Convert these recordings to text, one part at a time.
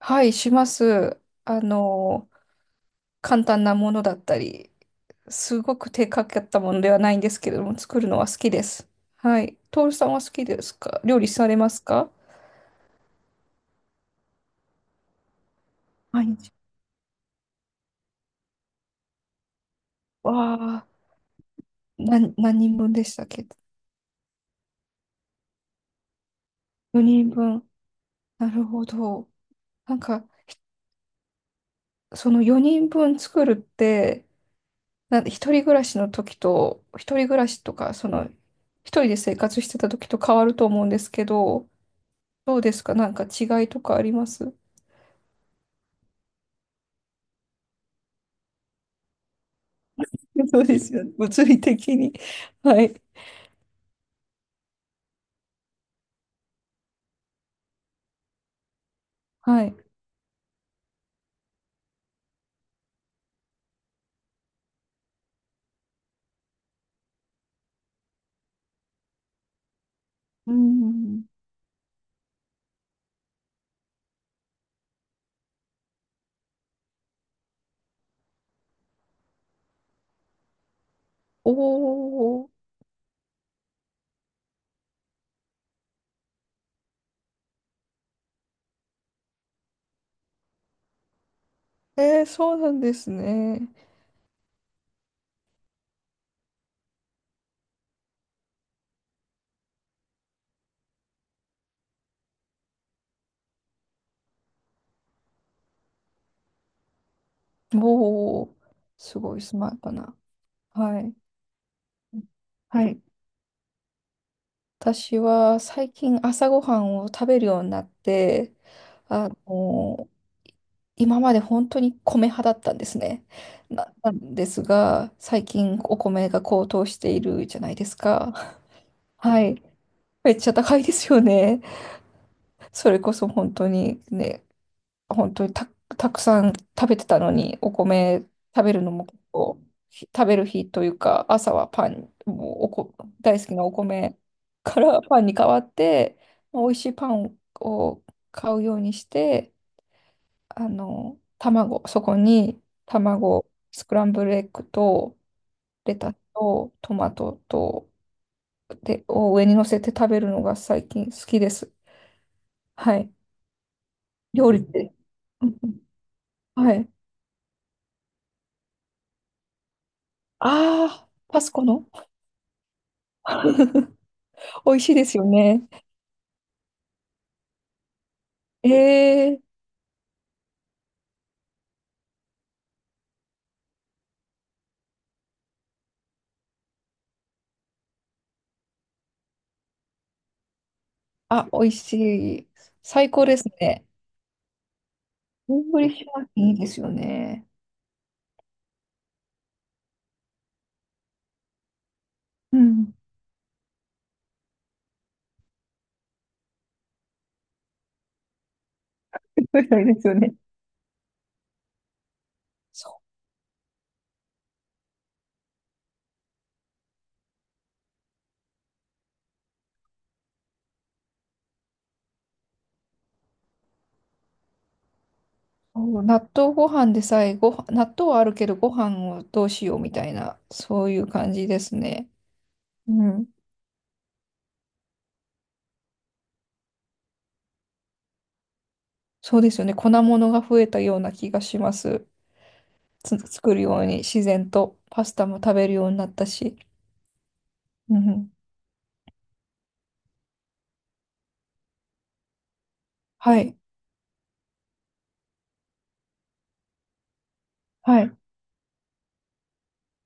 はい、します。あの、簡単なものだったり、すごく手かかったものではないんですけれども、作るのは好きです。はい。徹さんは好きですか？料理されますか？毎日。わあ、何人分でしたっけ？ 4 人分。なるほど。なんか、その4人分作るって、一人暮らしの時と、一人暮らしとか、一人で生活してた時と変わると思うんですけど、どうですか？なんか違いとかあります？そうですよね。物理的に。はい。はい。うん。おー。そうなんですね。おー。すごいスマートな。はい。はい。私は最近朝ごはんを食べるようになって、あの、今まで本当に米派だったんですね。なんですが、最近お米が高騰しているじゃないですか。はい。めっちゃ高いですよね。それこそ本当にね、本当にたくさん食べてたのに、お米食べるのも結構、食べる日というか、朝はパン、もうおこ、大好きなお米からパンに変わって、まあ美味しいパンを買うようにして、卵、そこに卵、スクランブルエッグと、レタスと、トマトと、で、を上に乗せて食べるのが最近好きです。はい。料理って。うんうん、はい。ああ、パスコの、美味しいですよね。ええ美味しい。最高ですね。イングリッシュマフィンいいですよね。うん。そうですよね。そう、納豆ご飯でさえご飯、納豆はあるけどご飯をどうしようみたいな、そういう感じですね。うん。そうですよね。粉物が増えたような気がします。作るように自然とパスタも食べるようになったし。うん。はい。はい。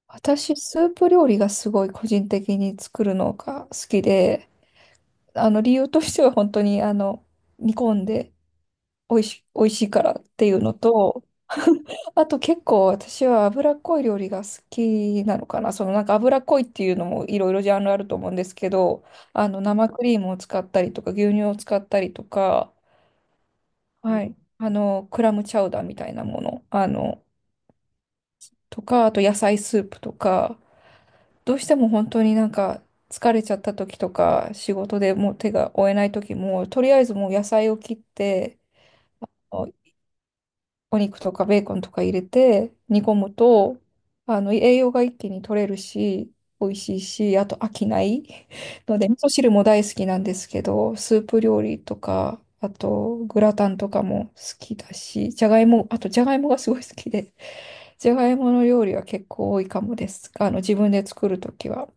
私、スープ料理がすごい個人的に作るのが好きで、あの理由としては本当に煮込んで、美味しいからっていうのと、あと結構私は脂っこい料理が好きなのかな。そのなんか脂っこいっていうのもいろいろジャンルあると思うんですけど、生クリームを使ったりとか牛乳を使ったりとか、はい、クラムチャウダーみたいなもの、とか、あと野菜スープとか、どうしても本当になんか疲れちゃった時とか、仕事でもう手が負えない時も、とりあえずもう野菜を切って、おお肉とかベーコンとか入れて煮込むと、栄養が一気に取れるし、美味しいし、あと飽きない ので、味噌汁も大好きなんですけど、スープ料理とか、あとグラタンとかも好きだし、じゃがいも、あとじゃがいもがすごい好きで、じゃがいもの料理は結構多いかもです、自分で作る時は。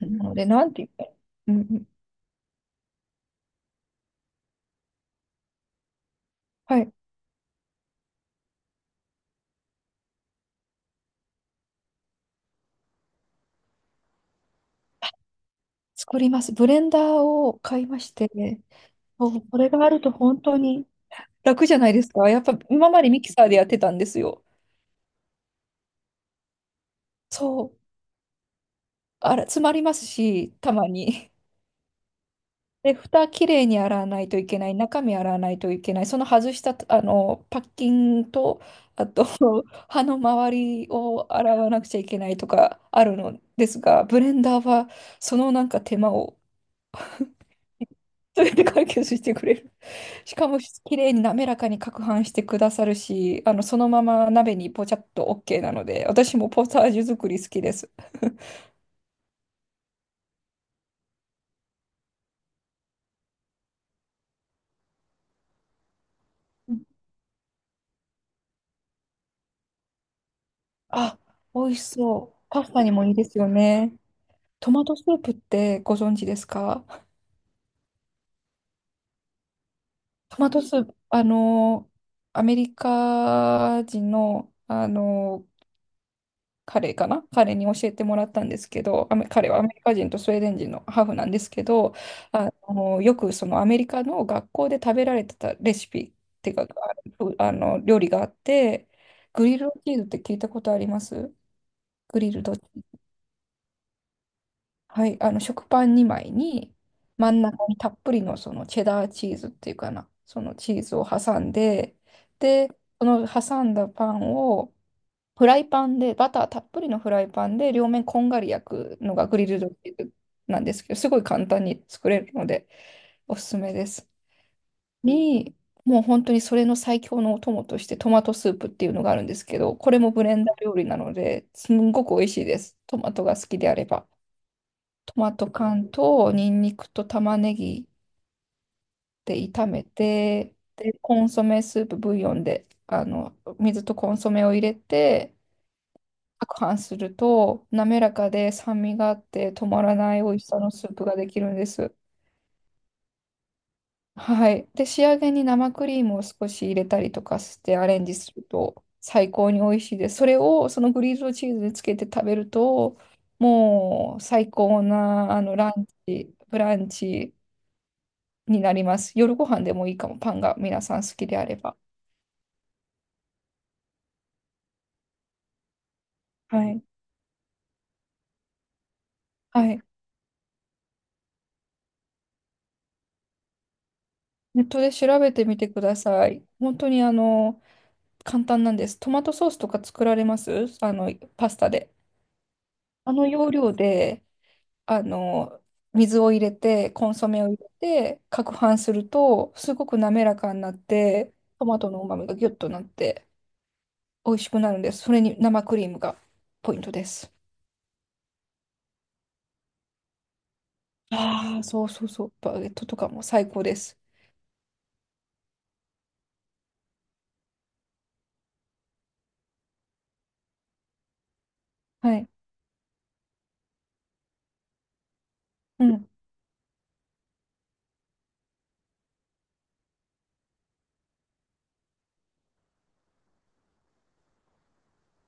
なので、なんて言ったら、うんうん、はい、作ります。ブレンダーを買いまして、そう、これがあると本当に楽じゃないですか。やっぱ今までミキサーでやってたんですよ。そう、あら、詰まりますし、たまに。で、蓋きれいに洗わないといけない、中身洗わないといけない、その外したパッキンと、あと 歯の周りを洗わなくちゃいけないとかあるのですが、ブレンダーはそのなんか手間を、それで解決してくれる。しかも、綺麗に滑らかに攪拌してくださるし、そのまま鍋にポチャッと OK なので、私もポタージュ作り好きです。うんあ、美味しそう。パスタにもいいですよね。トマトスープってご存知ですか？トマトスープ、アメリカ人の、彼かな彼に教えてもらったんですけど、彼はアメリカ人とスウェーデン人のハーフなんですけど、よくそのアメリカの学校で食べられてたレシピっていうか、あの料理があって、グリルドチーズって聞いたことあります？グリルドチーズ。はい、食パン2枚に、真ん中にたっぷりのそのチェダーチーズっていうかな、そのチーズを挟んで、で、その挟んだパンを、フライパンで、バターたっぷりのフライパンで両面こんがり焼くのがグリルドビーフなんですけど、すごい簡単に作れるので、おすすめです。に、もう本当にそれの最強のお供としてトマトスープっていうのがあるんですけど、これもブレンダー料理なので、すんごく美味しいです。トマトが好きであれば。トマト缶とニンニクと玉ねぎで炒めて、で、コンソメスープブイヨンで、水とコンソメを入れて、攪拌すると、滑らかで酸味があって止まらない美味しさのスープができるんです。はい。で、仕上げに生クリームを少し入れたりとかしてアレンジすると最高に美味しいです。それをそのグリルドチーズにつけて食べると、もう最高なランチ、ブランチになります。夜ご飯でもいいかも、パンが皆さん好きであれば。はい。はい。ネットで調べてみてください。本当に簡単なんです。トマトソースとか作られますパスタで。あの要領で、あの、水を入れて、コンソメを入れて、攪拌すると、すごく滑らかになって、トマトの旨味がギュッとなって、美味しくなるんです。それに生クリームがポイントです。ああ、そうそうそう。バゲットとかも最高です。はい。うん。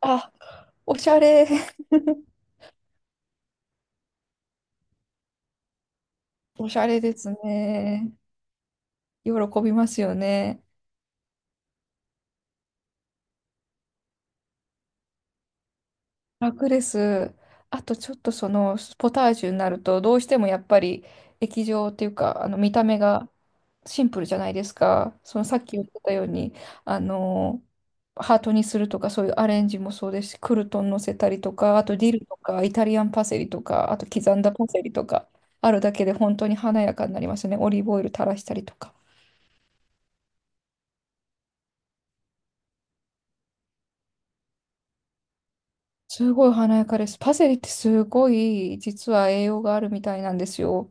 あ、おしゃれ。おしゃれですね。喜びますよね。楽です。あとちょっと、そのポタージュになるとどうしてもやっぱり液状っていうか、見た目がシンプルじゃないですか。そのさっき言ってたように、あのハートにするとか、そういうアレンジもそうですし、クルトン乗せたりとか、あとディルとかイタリアンパセリとか、あと刻んだパセリとかあるだけで本当に華やかになりますね。オリーブオイル垂らしたりとか。すごい華やかです。パセリってすごい実は栄養があるみたいなんですよ。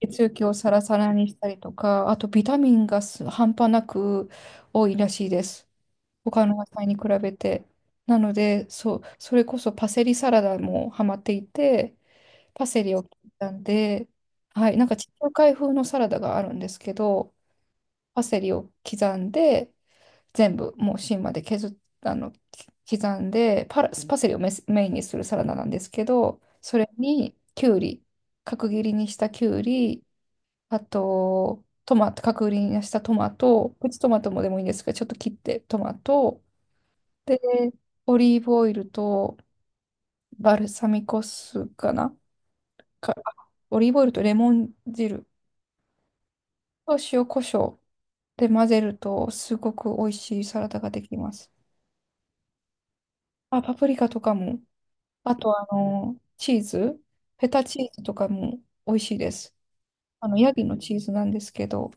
血液をサラサラにしたりとか、あとビタミンが半端なく多いらしいです。他の野菜に比べて。なので、そう、それこそパセリサラダもハマっていて、パセリを切ったんで、はい、なんか地中海風のサラダがあるんですけど、パセリを刻んで、全部もう芯まで削っあの、刻んで、パセリをメインにするサラダなんですけど、それにきゅうり、角切りにしたきゅうり、あと、トマト、角切りにしたトマト、プチトマトもでもいいんですけど、ちょっと切ってトマト、で、オリーブオイルと、バルサミコ酢かな、か、オリーブオイルとレモン汁と塩コショウで混ぜると、すごく美味しいサラダができます。あ、パプリカとかも、あと、チーズ、フェタチーズとかも美味しいです。ヤギのチーズなんですけど、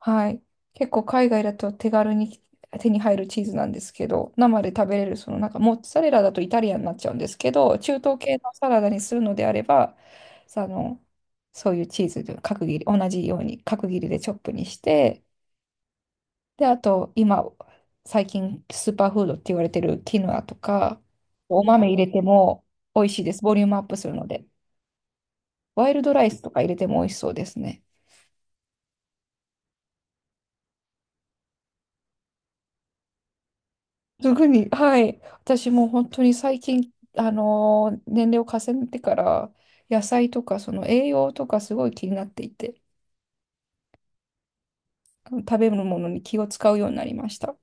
はい。結構海外だと手軽に手に入るチーズなんですけど、生で食べれる、そのなんかモッツァレラだとイタリアンになっちゃうんですけど、中東系のサラダにするのであれば、さあの、そういうチーズで角切り、同じように角切りでチョップにして、で、あと今、最近スーパーフードって言われてるキヌアとか、お豆入れても美味しいです。ボリュームアップするので。ワイルドライスとか入れても美味しそうですね。すぐに、はい。私も本当に最近、年齢を重ねてから、野菜とか、その栄養とかすごい気になっていて、食べ物に気を使うようになりました。